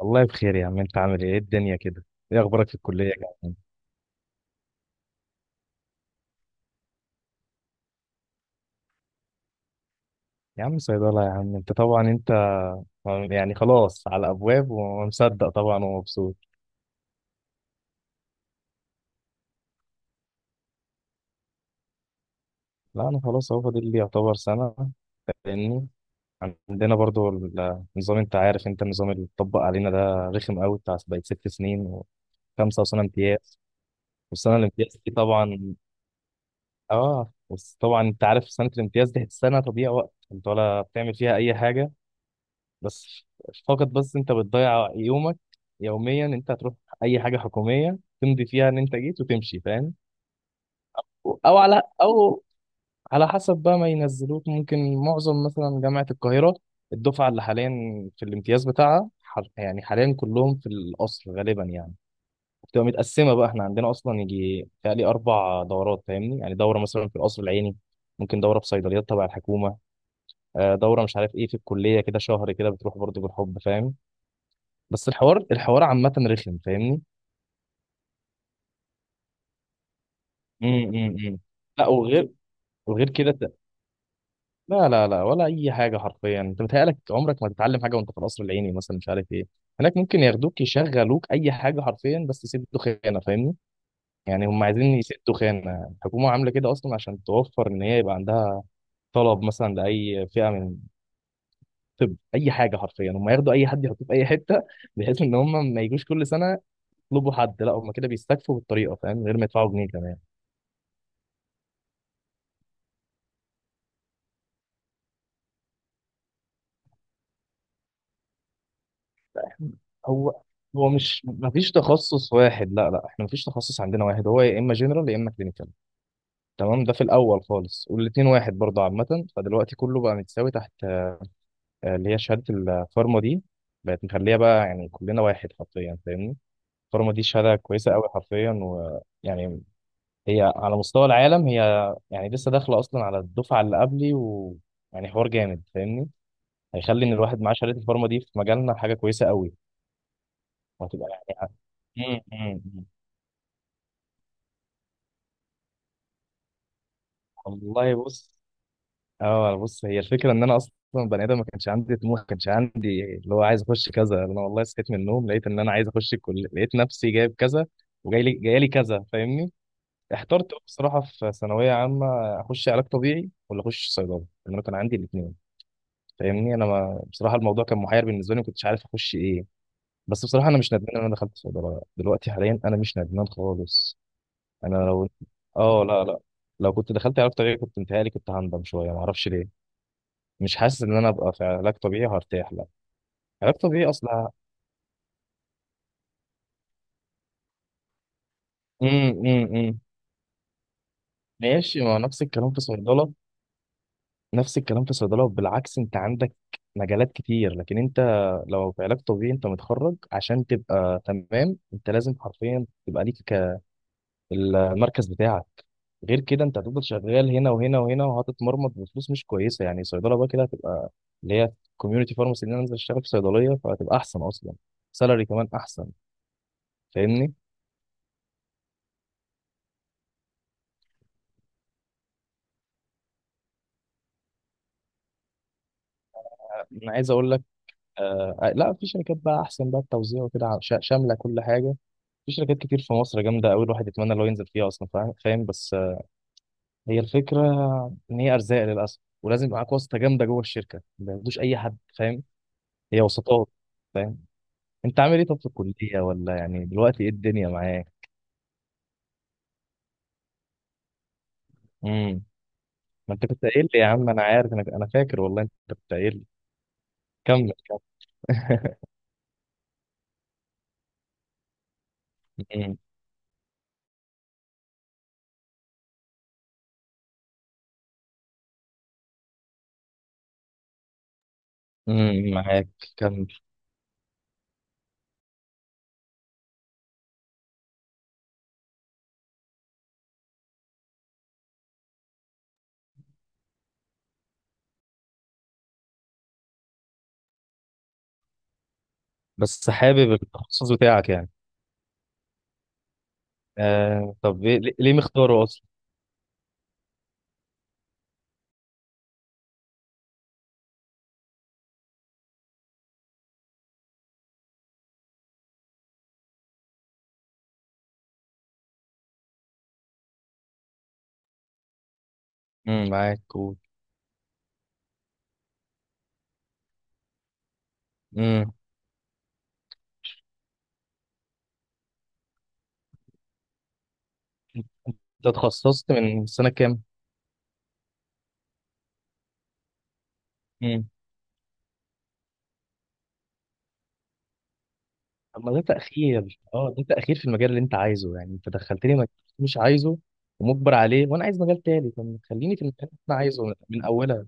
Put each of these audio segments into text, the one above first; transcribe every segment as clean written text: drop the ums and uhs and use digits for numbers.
والله بخير يا عم، انت عامل ايه؟ ايه الدنيا كده؟ ايه اخبارك في الكليه يا عم؟ يا عم صيدله يا عم، انت طبعا انت يعني خلاص على ابواب ومصدق طبعا ومبسوط. لا انا خلاص هو فاضل لي يعتبر سنه، لاني عندنا برضو النظام، انت عارف النظام اللي اتطبق علينا ده رخم قوي، بتاع بقت ست سنين وخمسه وسنه امتياز. والسنه الامتياز دي طبعا، اه بس طبعا انت عارف سنه الامتياز دي سنه تضييع وقت، انت ولا بتعمل فيها اي حاجه. بس فقط انت بتضيع يومك، يوميا انت هتروح اي حاجه حكوميه تمضي فيها ان انت جيت وتمشي، فاهم؟ او على او على حسب بقى ما ينزلوك، ممكن معظم مثلا جامعه القاهره، الدفعه اللي حاليا في الامتياز بتاعها يعني حاليا كلهم في القصر غالبا يعني. بتبقى متقسمه بقى، احنا عندنا اصلا يجي تقريبا اربع دورات فاهمني، يعني دوره مثلا في القصر العيني، ممكن دوره في صيدليات تبع الحكومه، دوره مش عارف ايه في الكليه كده شهر كده بتروح برضه بالحب، فاهم؟ بس الحوار، الحوار عامة رخم فاهمني. امم امم لا وغير، وغير كده ت- لا لا لا، ولا اي حاجه حرفيا، انت متهيألك عمرك ما تتعلم حاجه وانت في القصر العيني مثلا مش عارف ايه. هناك ممكن ياخدوك يشغلوك اي حاجه حرفيا، بس يسدوا خانه فاهمني. يعني هم عايزين يسدوا خانه، الحكومه عامله كده اصلا عشان توفر ان هي يبقى عندها طلب مثلا لاي فئه من الطب، اي حاجه حرفيا هم ياخدوا اي حد يحطوه في اي حته، بحيث ان هم ما يجوش كل سنه يطلبوا حد. لا هم كده بيستكفوا بالطريقه فاهم، من غير ما يدفعوا جنيه كمان. هو هو مش مفيش تخصص واحد، لا لا احنا مفيش تخصص عندنا واحد، هو يا اما جنرال يا اما كلينيكال تمام، ده في الاول خالص. والاتنين واحد برضه عامه، فدلوقتي كله بقى متساوي تحت، اللي هي شهاده الفارما دي بقت مخليها بقى يعني كلنا واحد حرفيا فاهمني. الفارما دي شهاده كويسه قوي حرفيا، ويعني هي على مستوى العالم، هي يعني لسه داخله اصلا على الدفعه اللي قبلي، ويعني حوار جامد فاهمني. هيخلي ان الواحد معاه شهاده الفارما دي في مجالنا حاجه كويسه قوي، وهتبقى يعني. آه، مم. والله بص، اه بص هي الفكره ان انا اصلا بني ادم ما كانش عندي طموح، ما كانش عندي اللي هو عايز اخش كذا. انا والله صحيت من النوم لقيت ان انا عايز اخش الكليه، لقيت نفسي جايب كذا وجاي لي جاي لي كذا فاهمني. احترت بصراحه في ثانويه عامه، اخش علاج طبيعي ولا اخش صيدله، لان انا كان عندي الاثنين فاهمني. انا ما بصراحه الموضوع كان محير بالنسبه لي، ما كنتش عارف اخش ايه. بس بصراحه انا مش ندمان ان انا دخلت صيدله، دلوقتي حاليا انا مش ندمان خالص. انا لو اه لا لا، لو كنت دخلت علاج طبيعي كنت انتهالي، كنت هندم شويه، ما اعرفش ليه. مش حاسس ان انا ابقى في علاج طبيعي هرتاح، لا علاج طبيعي اصلا. امم امم ماشي، ما هو نفس الكلام في صيدله، نفس الكلام في صيدله بالعكس. انت عندك مجالات كتير، لكن انت لو في علاج طبيعي، انت متخرج عشان تبقى تمام انت لازم حرفيا تبقى ليك المركز بتاعك، غير كده انت هتفضل شغال هنا وهنا وهنا، وهتتمرمط بفلوس مش كويسه. يعني صيدله بقى كده هتبقى اللي هي كوميونتي فارماسي، ان انا انزل اشتغل في صيدليه فهتبقى احسن اصلا، سالري كمان احسن فاهمني. انا عايز اقول لك، آه لا في شركات بقى احسن بقى التوزيع وكده، شامله كل حاجه. في شركات كتير في مصر جامده قوي الواحد يتمنى لو ينزل فيها اصلا، فاهم فاهم، بس هي الفكره ان هي ارزاق للاسف، ولازم يبقى معاك واسطه جامده جوه الشركه، ما ياخدوش اي حد فاهم، هي وسطات فاهم. انت عامل ايه طب في الكليه، ولا يعني دلوقتي ايه الدنيا معاك؟ امم ما انت كنت قايل لي يا عم، انا عارف، انا فاكر والله انت كنت قايل لي. كمل كمل. مم. معاك، كمل. بس حابب التخصص بتاعك يعني؟ آه طب ليه مختاره اصلا؟ معاك، قول. امم انت اتخصصت من سنة كام؟ امم طب ما ده تأخير، اه ده تأخير في المجال اللي انت عايزه. يعني انت دخلتني مجال مش عايزه ومجبر عليه، وانا عايز مجال تاني. طب خليني في المجال اللي انا عايزه من اولها.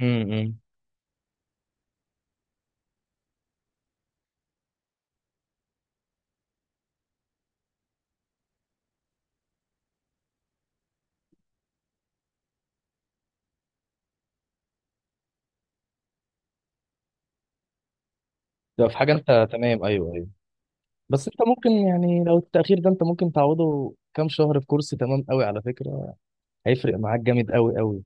امم ده في حاجة، انت تمام، ايوه ايوه. بس انت ممكن يعني لو التأخير ده انت ممكن تعوضه كام شهر في كورس، تمام قوي على فكرة، هيفرق معاك جامد قوي قوي.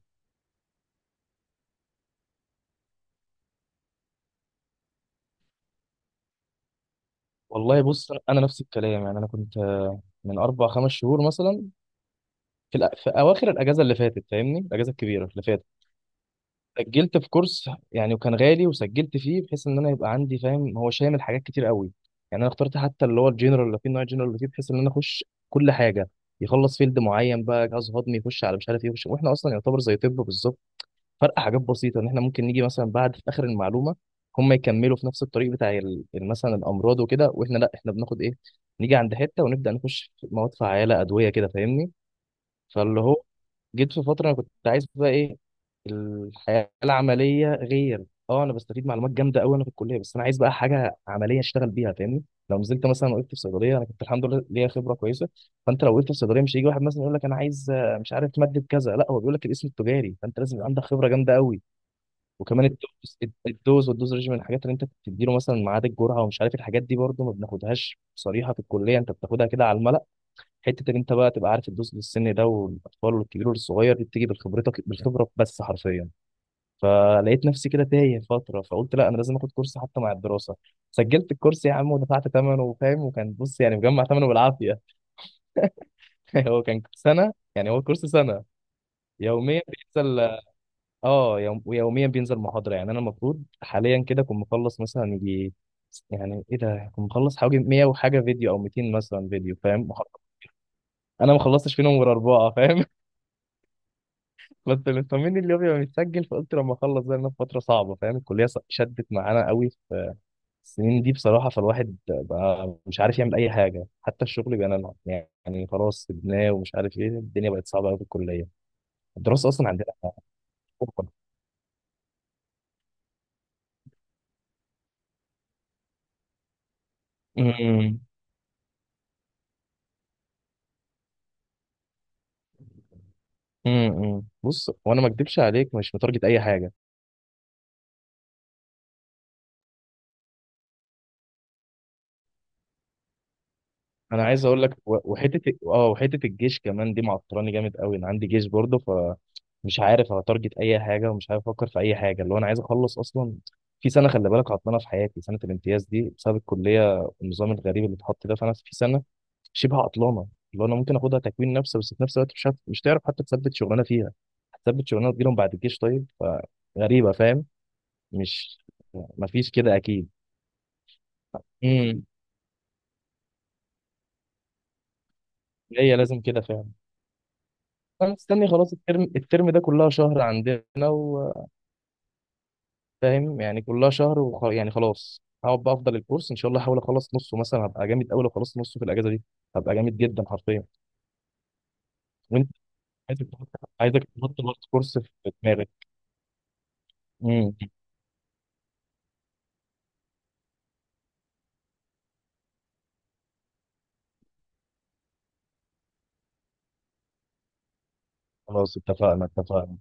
والله بص، انا نفس الكلام يعني. انا كنت من اربع خمس شهور مثلا في اواخر الاجازه اللي فاتت فاهمني، الاجازه الكبيره اللي فاتت سجلت في كورس يعني، وكان غالي وسجلت فيه بحيث ان انا يبقى عندي فاهم، هو شامل حاجات كتير قوي. يعني انا اخترت حتى اللي هو الجنرال اللي فيه، نوع الجنرال اللي فيه بحيث ان انا اخش كل حاجه، يخلص فيلد معين بقى جهاز هضمي، يخش على مش عارف ايه، يخش. واحنا اصلا يعتبر زي طب بالظبط، فرق حاجات بسيطه ان احنا ممكن نيجي مثلا بعد في اخر المعلومه، هم يكملوا في نفس الطريق بتاع مثلا الامراض وكده، واحنا لا احنا بناخد ايه، نيجي عند حته ونبدا نخش في مواد فعاله ادويه كده فاهمني. فاللي هو جيت في فترة كنت عايز بقى ايه، الحياة العملية غير. اه انا بستفيد معلومات جامدة قوي انا في الكلية، بس انا عايز بقى حاجة عملية اشتغل بيها فاهمني. لو نزلت مثلا وقفت في صيدلية، انا كنت الحمد لله ليا خبرة كويسة. فانت لو وقفت في صيدلية، مش هيجي واحد مثلا يقول لك انا عايز مش عارف مادة كذا، لا هو بيقول لك الاسم التجاري، فانت لازم يبقى عندك خبرة جامدة قوي. وكمان الدوز، الدوز ريجيم، الحاجات اللي انت بتديله مثلا ميعاد الجرعة ومش عارف، الحاجات دي برضه ما بناخدهاش صريحة في الكلية، انت بتاخدها كده على الملأ. حته ان انت بقى تبقى عارف تدوس للسن ده والاطفال والكبير والصغير، دي بتيجي بالخبره بس حرفيا. فلقيت نفسي كده تايه فتره، فقلت لا انا لازم اخد كورس حتى مع الدراسه. سجلت الكورس يا عم ودفعت ثمنه فاهم، وكان بص يعني مجمع ثمنه بالعافيه. هو كان سنه، يعني هو كورس سنه، يوميا بينزل. اه ويوميا بينزل محاضره. يعني انا المفروض حاليا كده اكون مخلص مثلا يجي، يعني ايه ده، كنت مخلص حوالي 100 وحاجه فيديو او 200 مثلا فيديو فاهم انا ما خلصتش فيهم غير اربعه فاهم. كنت مطمني اللي هو بيبقى متسجل، فقلت لما اخلص ده، لأن في فتره صعبه فاهم، الكليه شدت معانا قوي في السنين دي بصراحه. فالواحد بقى مش عارف يعمل اي حاجه، حتى الشغل بقى أنا يعني خلاص سيبناه ومش عارف ايه، الدنيا بقت صعبه قوي في الكليه. الدراسه اصلا عندنا أوفر. امم بص، وانا ما اكدبش عليك مش متارجت اي حاجه. انا عايز اقول لك وحته، اه وحته الجيش كمان دي معطلاني جامد قوي. انا عندي جيش برضه، فمش عارف اتارجت اي حاجه ومش عارف افكر في اي حاجه، اللي هو انا عايز اخلص اصلا. في سنه خلي بالك عطلانه في حياتي، سنه الامتياز دي بسبب الكليه والنظام الغريب اللي اتحط ده، فانا في سنه شبه عطلانه اللي هو انا ممكن اخدها تكوين نفسي، بس في نفس الوقت مش تعرف حتى تثبت شغلانه فيها، هتثبت شغلانه تجيلهم بعد الجيش طيب، فغريبه فاهم. مش مفيش كده اكيد. امم هي لازم كده فعلا. انا مستني خلاص الترم، الترم ده كلها شهر عندنا وفاهم، يعني كلها شهر يعني خلاص. هقعد بقى افضل الكورس ان شاء الله، احاول اخلص نصه مثلا هبقى جامد قوي. لو خلصت نصه في الاجازه دي، هبقى جامد جدا حرفيا. وانت عايزك تحط- عايزك تحط برضه كورس في دماغك. امم خلاص اتفقنا، اتفقنا.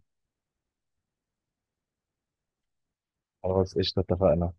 خلاص قشطه، اتفقنا.